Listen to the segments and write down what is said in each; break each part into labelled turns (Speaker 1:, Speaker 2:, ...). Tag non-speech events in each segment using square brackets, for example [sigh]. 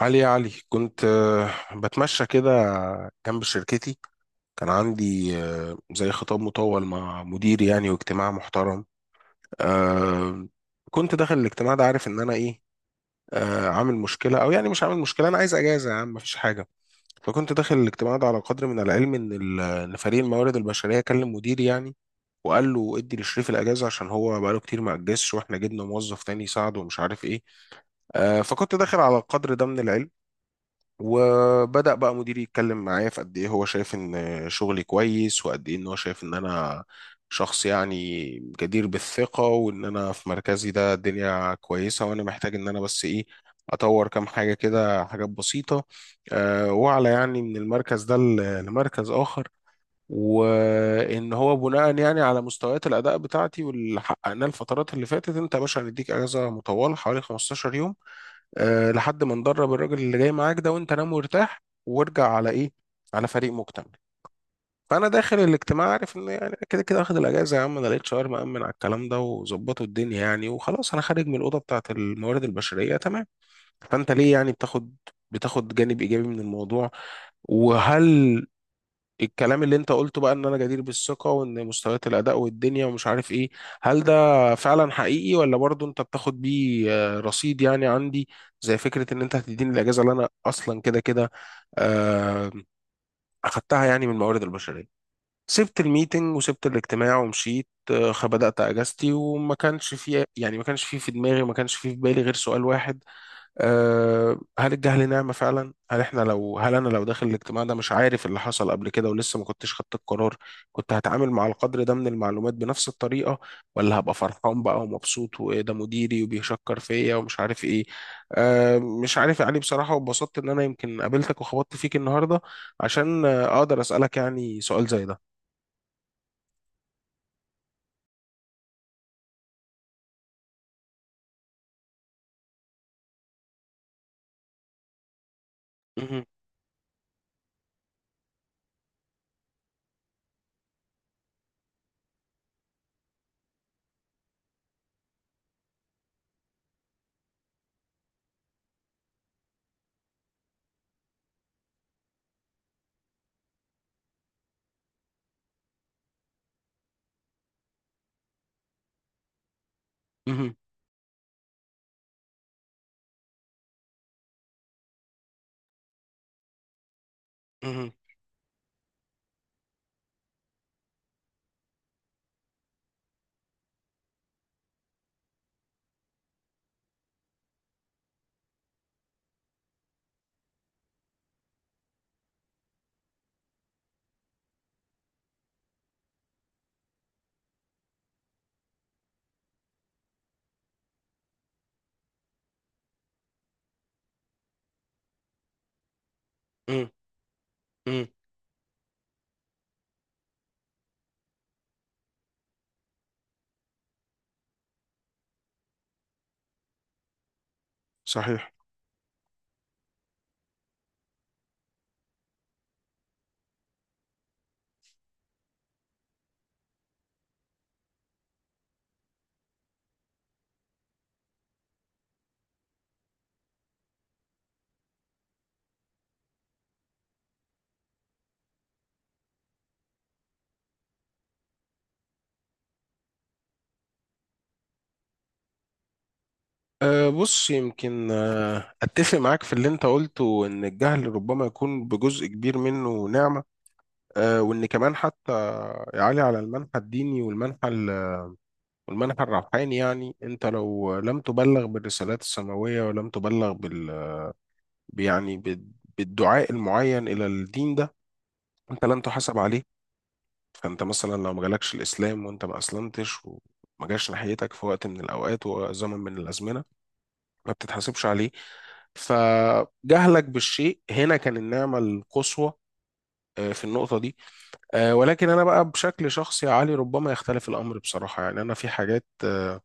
Speaker 1: علي يا علي كنت بتمشى كده جنب شركتي. كان عندي زي خطاب مطول مع مديري يعني، واجتماع محترم. آه، كنت داخل الاجتماع ده عارف ان انا ايه، عامل مشكلة او يعني مش عامل مشكلة، انا عايز اجازة يا عم، مفيش حاجة. فكنت داخل الاجتماع ده على قدر من العلم ان ان فريق الموارد البشرية كلم مديري يعني، وقال له ادي لشريف الاجازه عشان هو بقاله كتير ما اجازش واحنا جبنا موظف تاني يساعده ومش عارف ايه. فكنت داخل على القدر ده من العلم، وبدأ بقى مديري يتكلم معايا في قد ايه هو شايف ان شغلي كويس، وقد ايه ان هو شايف ان انا شخص يعني جدير بالثقة، وان انا في مركزي ده الدنيا كويسة، وانا محتاج ان انا بس ايه اطور كام حاجة كده، حاجات بسيطة. وعلى يعني من المركز ده لمركز اخر، وان هو بناء يعني على مستويات الاداء بتاعتي واللي حققناه الفترات اللي فاتت، انت يا باشا هنديك اجازه مطوله حوالي 15 يوم، لحد ما ندرب الراجل اللي جاي معاك ده، وانت نام وارتاح وارجع على ايه، على فريق مكتمل. فانا داخل الاجتماع عارف ان يعني كده كده اخد الاجازه يا عم، انا لقيت شاور مأمن على الكلام ده وظبطوا الدنيا يعني، وخلاص انا خارج من الاوضه بتاعت الموارد البشريه تمام. فانت ليه يعني بتاخد جانب ايجابي من الموضوع؟ وهل الكلام اللي انت قلته بقى ان انا جدير بالثقة وان مستويات الاداء والدنيا ومش عارف ايه، هل ده فعلا حقيقي؟ ولا برضو انت بتاخد بيه رصيد يعني عندي، زي فكرة ان انت هتديني الاجازة اللي انا اصلا كده كده آه، اخدتها يعني من الموارد البشرية. سبت الميتنج وسبت الاجتماع ومشيت، بدأت اجازتي، وما كانش في يعني ما كانش في دماغي، ما كانش في بالي غير سؤال واحد. هل الجهل نعمة فعلا؟ هل احنا لو، هل انا لو داخل الاجتماع ده مش عارف اللي حصل قبل كده ولسه ما كنتش خدت القرار، كنت هتعامل مع القدر ده من المعلومات بنفس الطريقة؟ ولا هبقى فرحان بقى ومبسوط، وايه ده مديري وبيشكر فيا ومش عارف ايه؟ مش عارف يا علي بصراحة، واتبسطت ان انا يمكن قابلتك وخبطت فيك النهاردة عشان اقدر اسألك يعني سؤال زي ده. مهم. مهم. مهم. مهم. مهم. صحيح. بص، يمكن أتفق معاك في اللي أنت قلته إن الجهل ربما يكون بجزء كبير منه نعمة. وإن كمان حتى يعلي على المنحى الديني والمنحى والمنحى الروحاني، يعني أنت لو لم تبلغ بالرسالات السماوية ولم تبلغ يعني بالدعاء المعين إلى الدين ده، أنت لن تحاسب عليه. فأنت مثلا لو ما جالكش الإسلام وأنت ما أسلمتش، وما جاش ناحيتك في وقت من الأوقات وزمن من الأزمنة، ما بتتحاسبش عليه، فجهلك بالشيء هنا كان النعمة القصوى في النقطة دي. ولكن انا بقى بشكل شخصي يا علي ربما يختلف الامر بصراحه. يعني انا في حاجات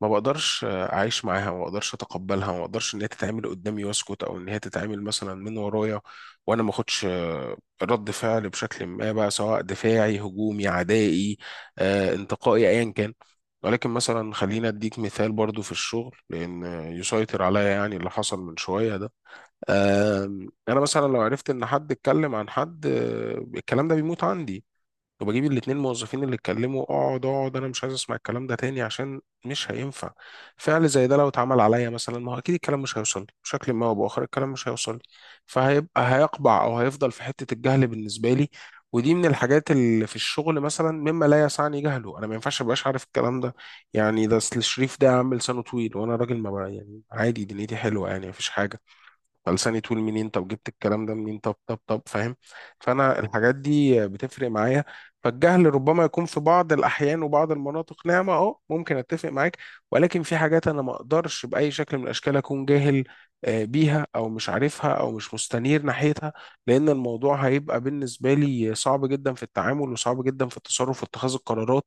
Speaker 1: ما بقدرش اعيش معاها، ما بقدرش اتقبلها، ما بقدرش ان هي تتعمل قدامي واسكت، او ان هي تتعمل مثلا من ورايا وانا ما اخدش رد فعل بشكل ما بقى، سواء دفاعي هجومي عدائي انتقائي ايا كان. ولكن مثلا خلينا اديك مثال برضو في الشغل، لان يسيطر عليا يعني اللي حصل من شويه ده. انا مثلا لو عرفت ان حد اتكلم عن حد الكلام ده بيموت عندي، وبجيب الاتنين موظفين اللي اتكلموا، اقعد اقعد انا مش عايز اسمع الكلام ده تاني عشان مش هينفع. فعل زي ده لو اتعمل عليا مثلا، ما هو اكيد الكلام مش هيوصل لي بشكل ما او باخر، الكلام مش هيوصل لي، فهيبقى هيقبع او هيفضل في حتة الجهل بالنسبة لي. ودي من الحاجات اللي في الشغل مثلا مما لا يسعني جهله، انا ما ينفعش ابقاش عارف الكلام ده. يعني ده اصل الشريف ده عامل لسانه طويل، وانا راجل ما بقى يعني عادي دنيتي حلوة يعني مفيش حاجة، فلساني طول منين؟ طب جبت الكلام ده منين؟ طب فاهم؟ فانا الحاجات دي بتفرق معايا. فالجهل ربما يكون في بعض الاحيان وبعض المناطق نعمه، اه ممكن اتفق معاك. ولكن في حاجات انا ما اقدرش باي شكل من الاشكال اكون جاهل بيها، او مش عارفها او مش مستنير ناحيتها، لان الموضوع هيبقى بالنسبه لي صعب جدا في التعامل وصعب جدا في التصرف واتخاذ القرارات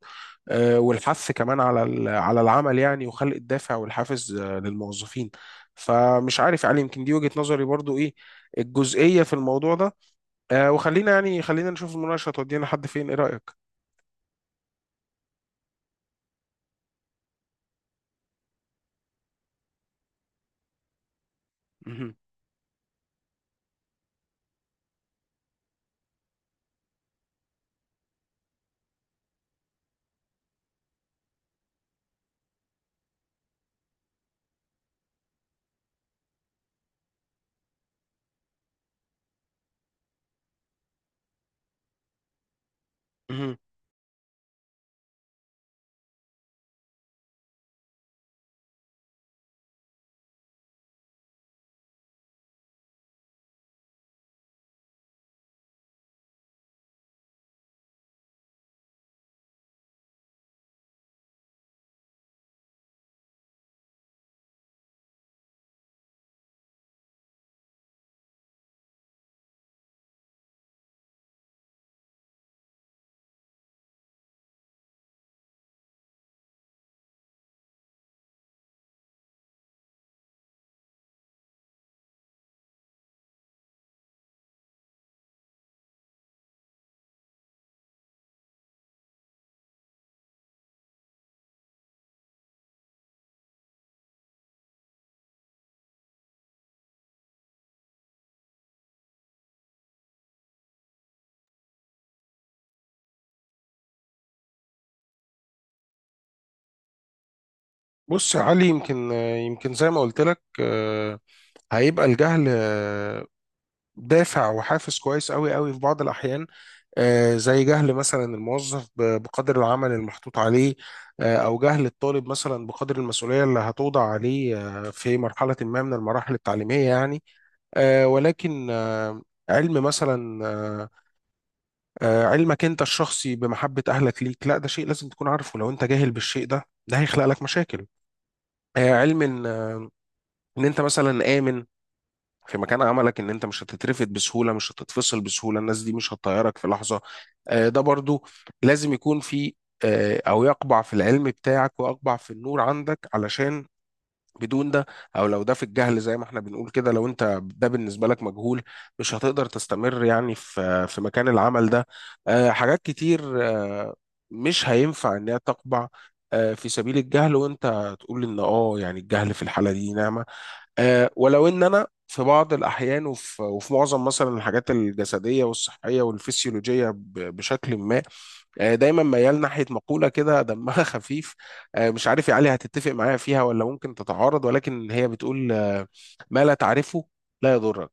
Speaker 1: والحث كمان على على العمل يعني، وخلق الدافع والحافز للموظفين. فمش عارف يعني يمكن دي وجهة نظري برضو ايه الجزئية في الموضوع ده. آه وخلينا يعني خلينا نشوف المناقشة تودينا لحد فين، ايه رأيك؟ مهم. مهم. بص يا علي، يمكن يمكن زي ما قلت لك هيبقى الجهل دافع وحافز كويس قوي قوي في بعض الأحيان، زي جهل مثلا الموظف بقدر العمل المحطوط عليه، او جهل الطالب مثلا بقدر المسؤوليه اللي هتوضع عليه في مرحله ما من المراحل التعليميه يعني. ولكن علم مثلا علمك انت الشخصي بمحبة اهلك ليك، لا ده شيء لازم تكون عارفه، لو انت جاهل بالشيء ده ده هيخلق لك مشاكل. علم ان ان انت مثلا امن في مكان عملك، ان انت مش هتترفد بسهولة، مش هتتفصل بسهولة، الناس دي مش هتطيرك في لحظة، ده برضو لازم يكون في او يقبع في العلم بتاعك ويقبع في النور عندك، علشان بدون ده، او لو ده في الجهل زي ما احنا بنقول كده، لو انت ده بالنسبه لك مجهول مش هتقدر تستمر يعني في مكان العمل ده. حاجات كتير مش هينفع انها تقبع في سبيل الجهل، وانت تقول ان اه يعني الجهل في الحاله دي نعمه. ولو ان انا في بعض الاحيان وفي معظم مثلا الحاجات الجسديه والصحيه والفسيولوجيه بشكل ما دايما ميال ناحيه مقوله كده دمها [laughs] خفيف. مش عارف يا علي هتتفق معايا فيها ولا ممكن تتعارض، ولكن هي بتقول ما لا تعرفه لا يضرك.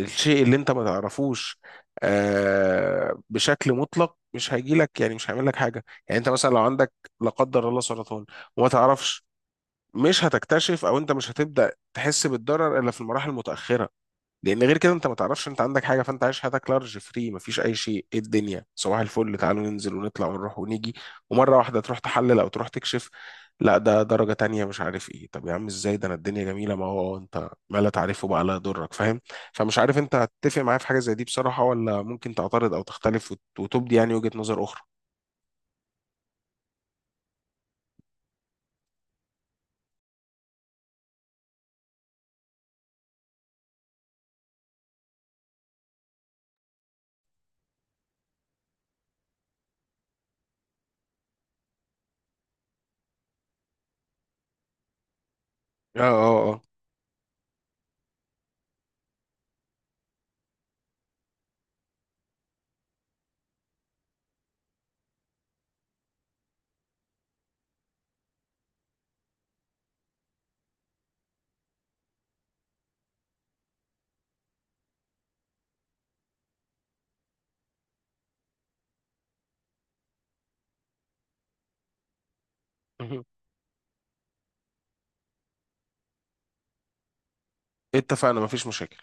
Speaker 1: الشيء اللي انت ما تعرفوش بشكل مطلق مش هيجي لك، يعني مش هيعمل لك حاجه. يعني انت مثلا لو عندك لا قدر الله سرطان وما تعرفش، مش هتكتشف او انت مش هتبدا تحس بالضرر الا في المراحل المتاخره، لان غير كده انت ما تعرفش انت عندك حاجه، فانت عايش حياتك لارج فري، مفيش اي شيء، ايه الدنيا صباح الفل، تعالوا ننزل ونطلع ونروح ونيجي. ومره واحده تروح تحلل او تروح تكشف، لا ده درجه تانية، مش عارف ايه، طب يا عم ازاي ده، انا الدنيا جميله، ما هو انت ما لا تعرفه بقى لا يضرك، فاهم؟ فمش عارف انت هتتفق معايا في حاجه زي دي بصراحه، ولا ممكن تعترض او تختلف وتبدي يعني وجهه نظر اخرى. اه، اه، اه [laughs] اتفقنا، مفيش مشاكل.